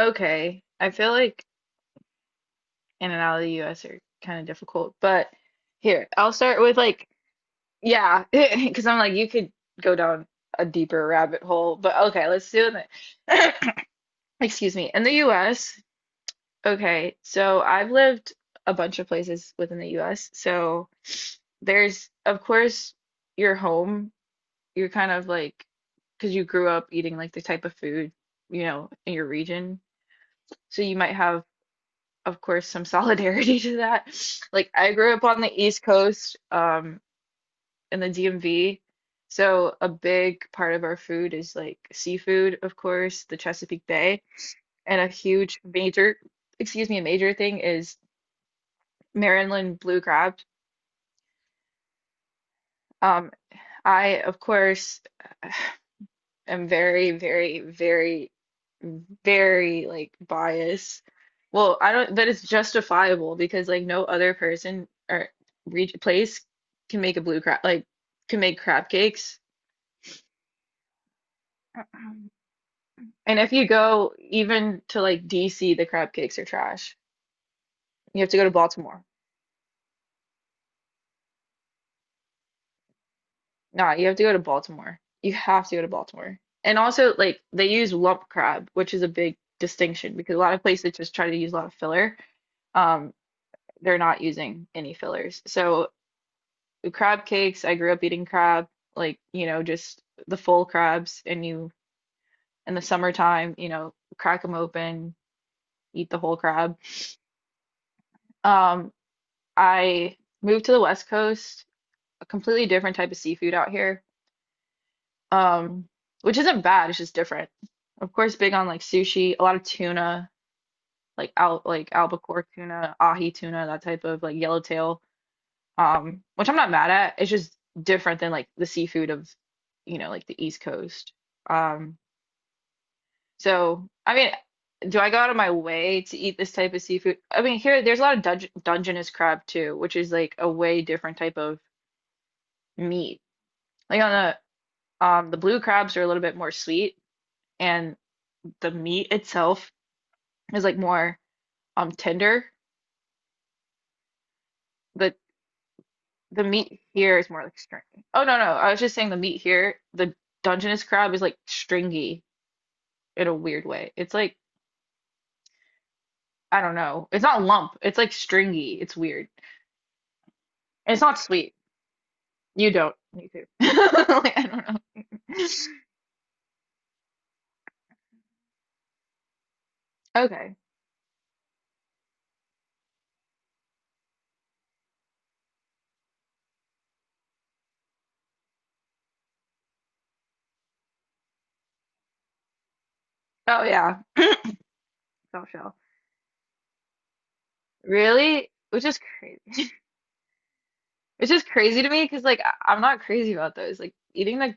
Okay. I feel like in and out of the US are kind of difficult, but here, I'll start with because I'm like, you could go down a deeper rabbit hole, but okay, let's do it. Excuse me. In the US, okay, so I've lived a bunch of places within the US. So there's, of course, your home. You're kind of like, because you grew up eating like the type of food, you know, in your region. So you might have of course, some solidarity to that. Like, I grew up on the East Coast, in the DMV. So, a big part of our food is like seafood, of course, the Chesapeake Bay. And a huge a major thing is Maryland blue crab. Um, I, of course, I am very, very, very, very like biased. Well, I don't, but it's justifiable because like no other person or re place can make a blue crab like can make crab cakes. Um, And if you go even to like DC, the crab cakes are trash. You have to go to Baltimore. Nah, you have to go to Baltimore. You have to go to Baltimore. And also, like, they use lump crab, which is a big distinction because a lot of places just try to use a lot of filler. Um, they're not using any fillers. So crab cakes, I grew up eating crab, like, you know, just the full crabs and you in the summertime, you know, crack them open, eat the whole crab. Um, I moved to the West Coast, a completely different type of seafood out here. Um, which isn't bad, it's just different. Of course, big on like sushi, a lot of tuna, like albacore tuna, ahi tuna, that type of like yellowtail. Which I'm not mad at. It's just different than like the seafood of, you know, like the East Coast. Um, so I mean, do I go out of my way to eat this type of seafood? I mean, here there's a lot of Dungeness crab too, which is like a way different type of meat. Like on the blue crabs are a little bit more sweet, and the meat itself is like more tender. The the meat here is more like stringy. Oh no no, I was just saying the meat here, the Dungeness crab is like stringy in a weird way. It's like, I don't know. It's not lump. It's like stringy. It's weird. And it's not sweet. You don't. Me too. Like, I don't know. Okay. Oh yeah, soft shell. Really? Which is crazy. It's just crazy to me because I'm not crazy about those. Like eating the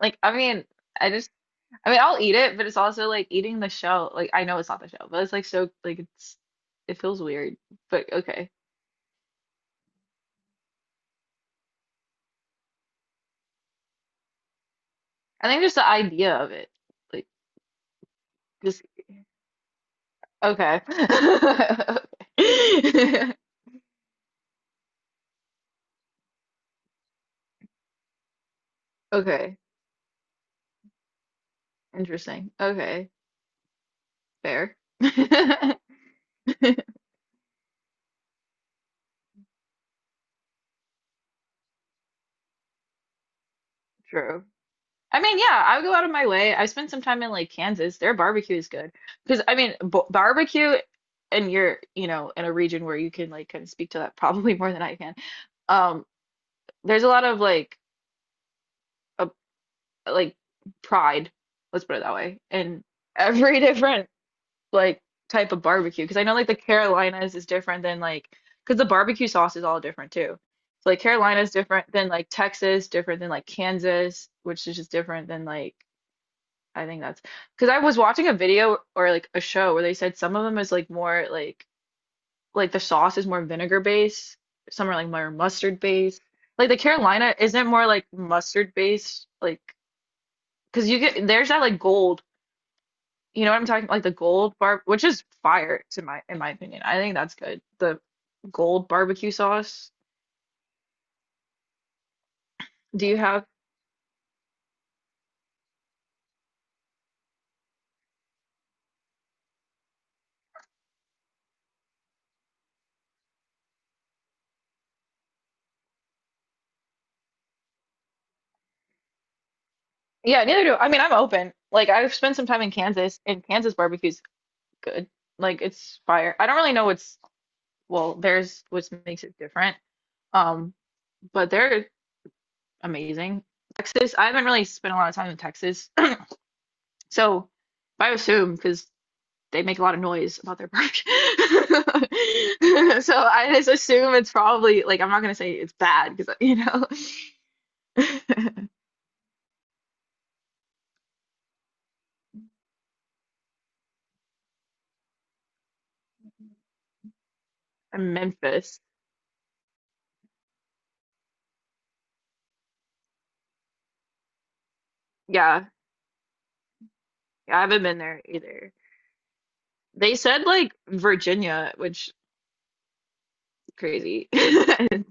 like I mean I just I mean I'll eat it, but it's also like eating the shell. Like I know it's not the shell, but it's like so like it's it feels weird. But okay. I think just the idea of it. Like just okay. Okay. Okay. Interesting. Okay. Fair. True. I mean, yeah, I go out of my way. I spent some time in like Kansas. Their barbecue is good. Because I mean, b barbecue and you're, you know, in a region where you can like kind of speak to that probably more than I can. Um, there's a lot of like a, like pride, let's put it that way, in every different like type of barbecue because I know like the Carolinas is different than like because the barbecue sauce is all different too. So like Carolina's different than like Texas, different than like Kansas, which is just different than like I think that's because I was watching a video or like a show where they said some of them is like more like the sauce is more vinegar based, some are like more mustard based. Like the Carolina isn't more like mustard based, like because you get there's that like gold you know what I'm talking about? Like the gold bar, which is fire to my in my opinion. I think that's good. The gold barbecue sauce. Do you have? Yeah, neither do I mean I'm open. Like I've spent some time in Kansas and Kansas barbecue's good. Like it's fire. I don't really know what's well, there's what makes it different. Um, but they're amazing. Texas, I haven't really spent a lot of time in Texas. So but I assume because they make a lot of noise about their bark. So I just assume it's probably like I'm not gonna say it's bad because you know Memphis. Yeah, yeah, I haven't been there either. They said like Virginia, which is crazy.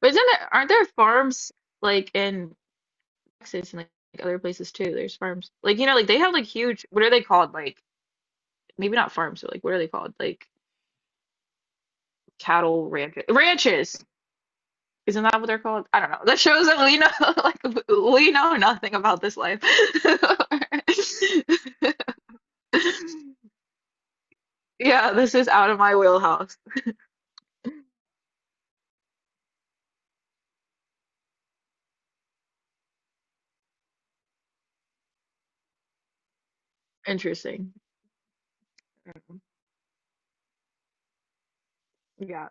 But isn't there aren't there farms like in Texas and like other places too? There's farms like you know like they have like huge what are they called like maybe not farms but like what are they called like cattle ranches. Isn't that what they're called? I don't know. That shows that we know like we know nothing about this life. Yeah, this is out of my wheelhouse. Interesting. Yeah.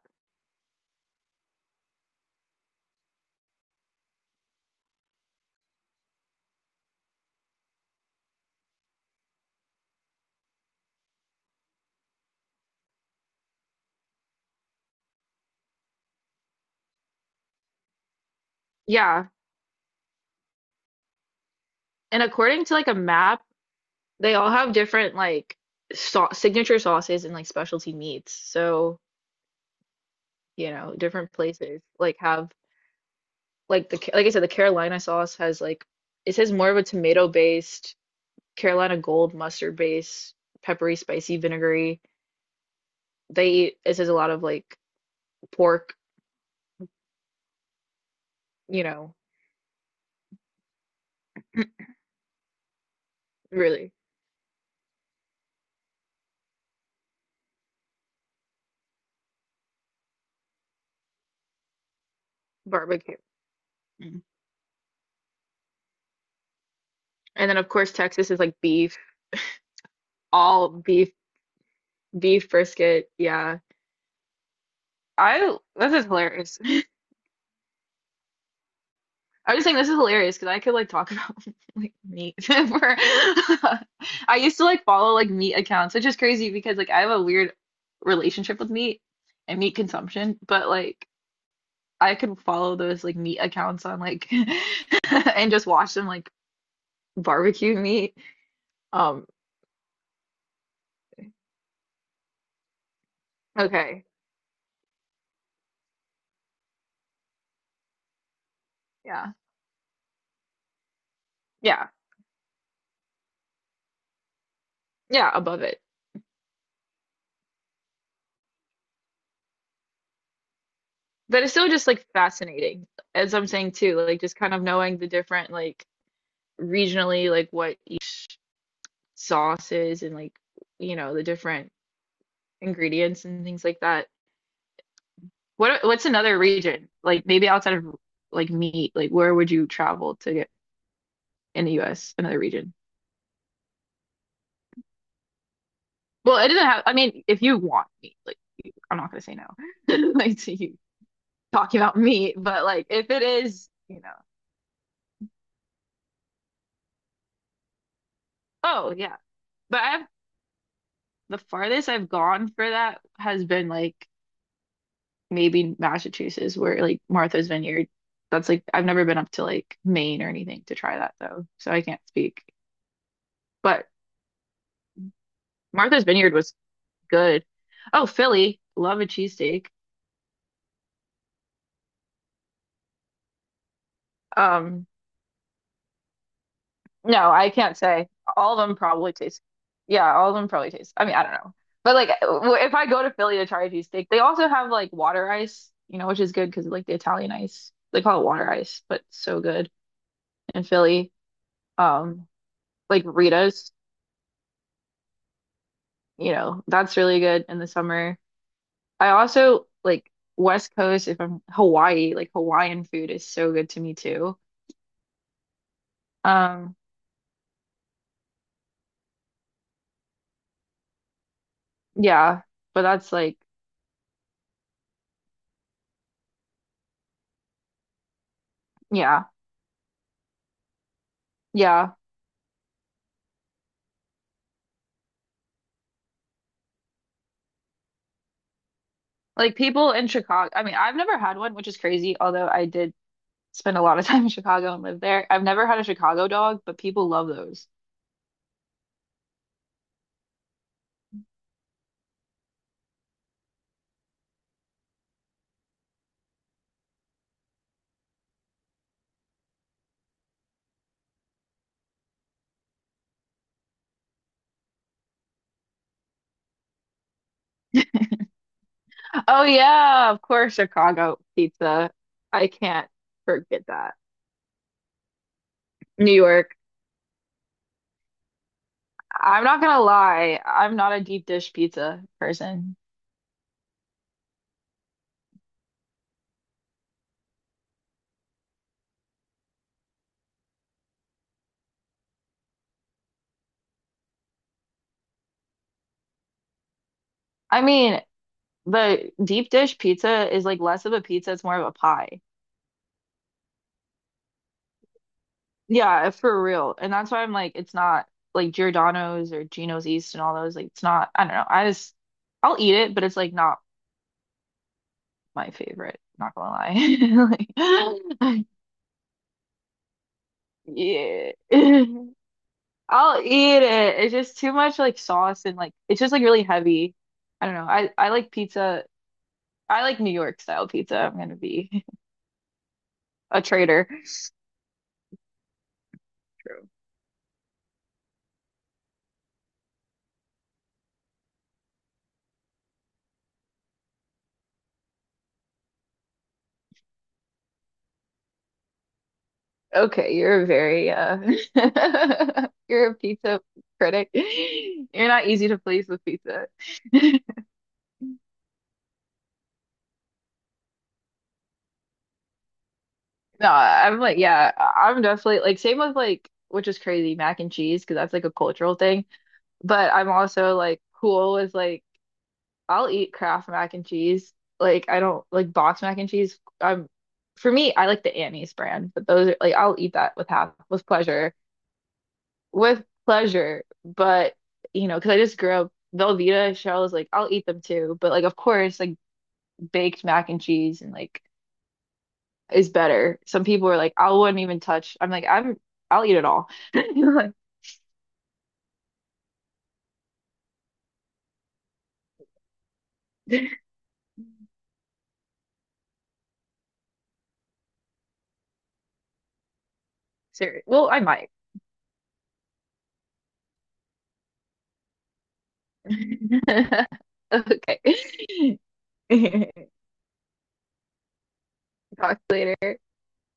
Yeah. And according to like a map, they all have different like sau signature sauces and like specialty meats. So, you know, different places like have like the like I said the Carolina sauce has like it says more of a tomato based, Carolina gold mustard based, peppery, spicy, vinegary. They eat it says a lot of like pork, you know, really barbecue. Mm. And then of course Texas is like beef, all beef, beef brisket. Yeah. I this is hilarious. I was just saying this is hilarious because I could like talk about like meat for I used to like follow like meat accounts, which is crazy because like I have a weird relationship with meat and meat consumption, but like I could follow those like meat accounts on like and just watch them like barbecue meat. Um, Okay. Yeah. Yeah. Yeah, above it. But it's still just like fascinating, as I'm saying too, like just kind of knowing the different like regionally like what each sauce is and like you know the different ingredients and things like that. What's another region? Like maybe outside of like meat, like where would you travel to get in the US, another region? Well, it doesn't have I mean, if you want meat, like I'm not gonna say no. Like to you talking about meat, but like if it is, you know. Oh yeah. But I have the farthest I've gone for that has been like maybe Massachusetts, where like Martha's Vineyard. That's like I've never been up to like Maine or anything to try that though, so I can't speak. But Martha's Vineyard was good. Oh, Philly, love a cheesesteak. Um, no, I can't say. All of them probably taste. Yeah, all of them probably taste. I mean, I don't know. But like if I go to Philly to try a cheesesteak, they also have like water ice, you know, which is good because like the Italian ice. They call it water ice, but so good in Philly. Um, like Rita's, you know, that's really good in the summer. I also like West Coast, if I'm Hawaii, like Hawaiian food is so good to me too. Um, yeah, but that's like, yeah, yeah. Like people in Chicago, I mean, I've never had one, which is crazy, although I did spend a lot of time in Chicago and lived there. I've never had a Chicago dog, but people love those. Oh yeah, of course, Chicago pizza. I can't forget that. New York. I'm not gonna lie, I'm not a deep dish pizza person. I mean, the deep dish pizza is like less of a pizza, it's more of a pie. Yeah, for real. And that's why I'm like, it's not like Giordano's or Gino's East and all those. Like, it's not, I don't know. I'll eat it, but it's like not my favorite. Not gonna lie. Like, yeah. I'll eat it. It's just too much like sauce and like, it's just like really heavy. I don't know. I like pizza. I like New York style pizza. I'm gonna be a traitor. Okay, you're a very you're a pizza critic. You're not easy to please with pizza. No, I'm like yeah, I'm definitely like same with like which is crazy, mac and cheese because that's like a cultural thing. But I'm also like cool with like I'll eat Kraft mac and cheese. Like I don't like box mac and cheese. I'm For me, I like the Annie's brand, but those are like I'll eat that with half with pleasure. With pleasure, but you know, because I just grew up Velveeta shells, like I'll eat them too, but like of course, like baked mac and cheese and like is better. Some people are like, I wouldn't even touch. I'm I'll eat it all. Like, serious. Well, I might. Okay. Talk later.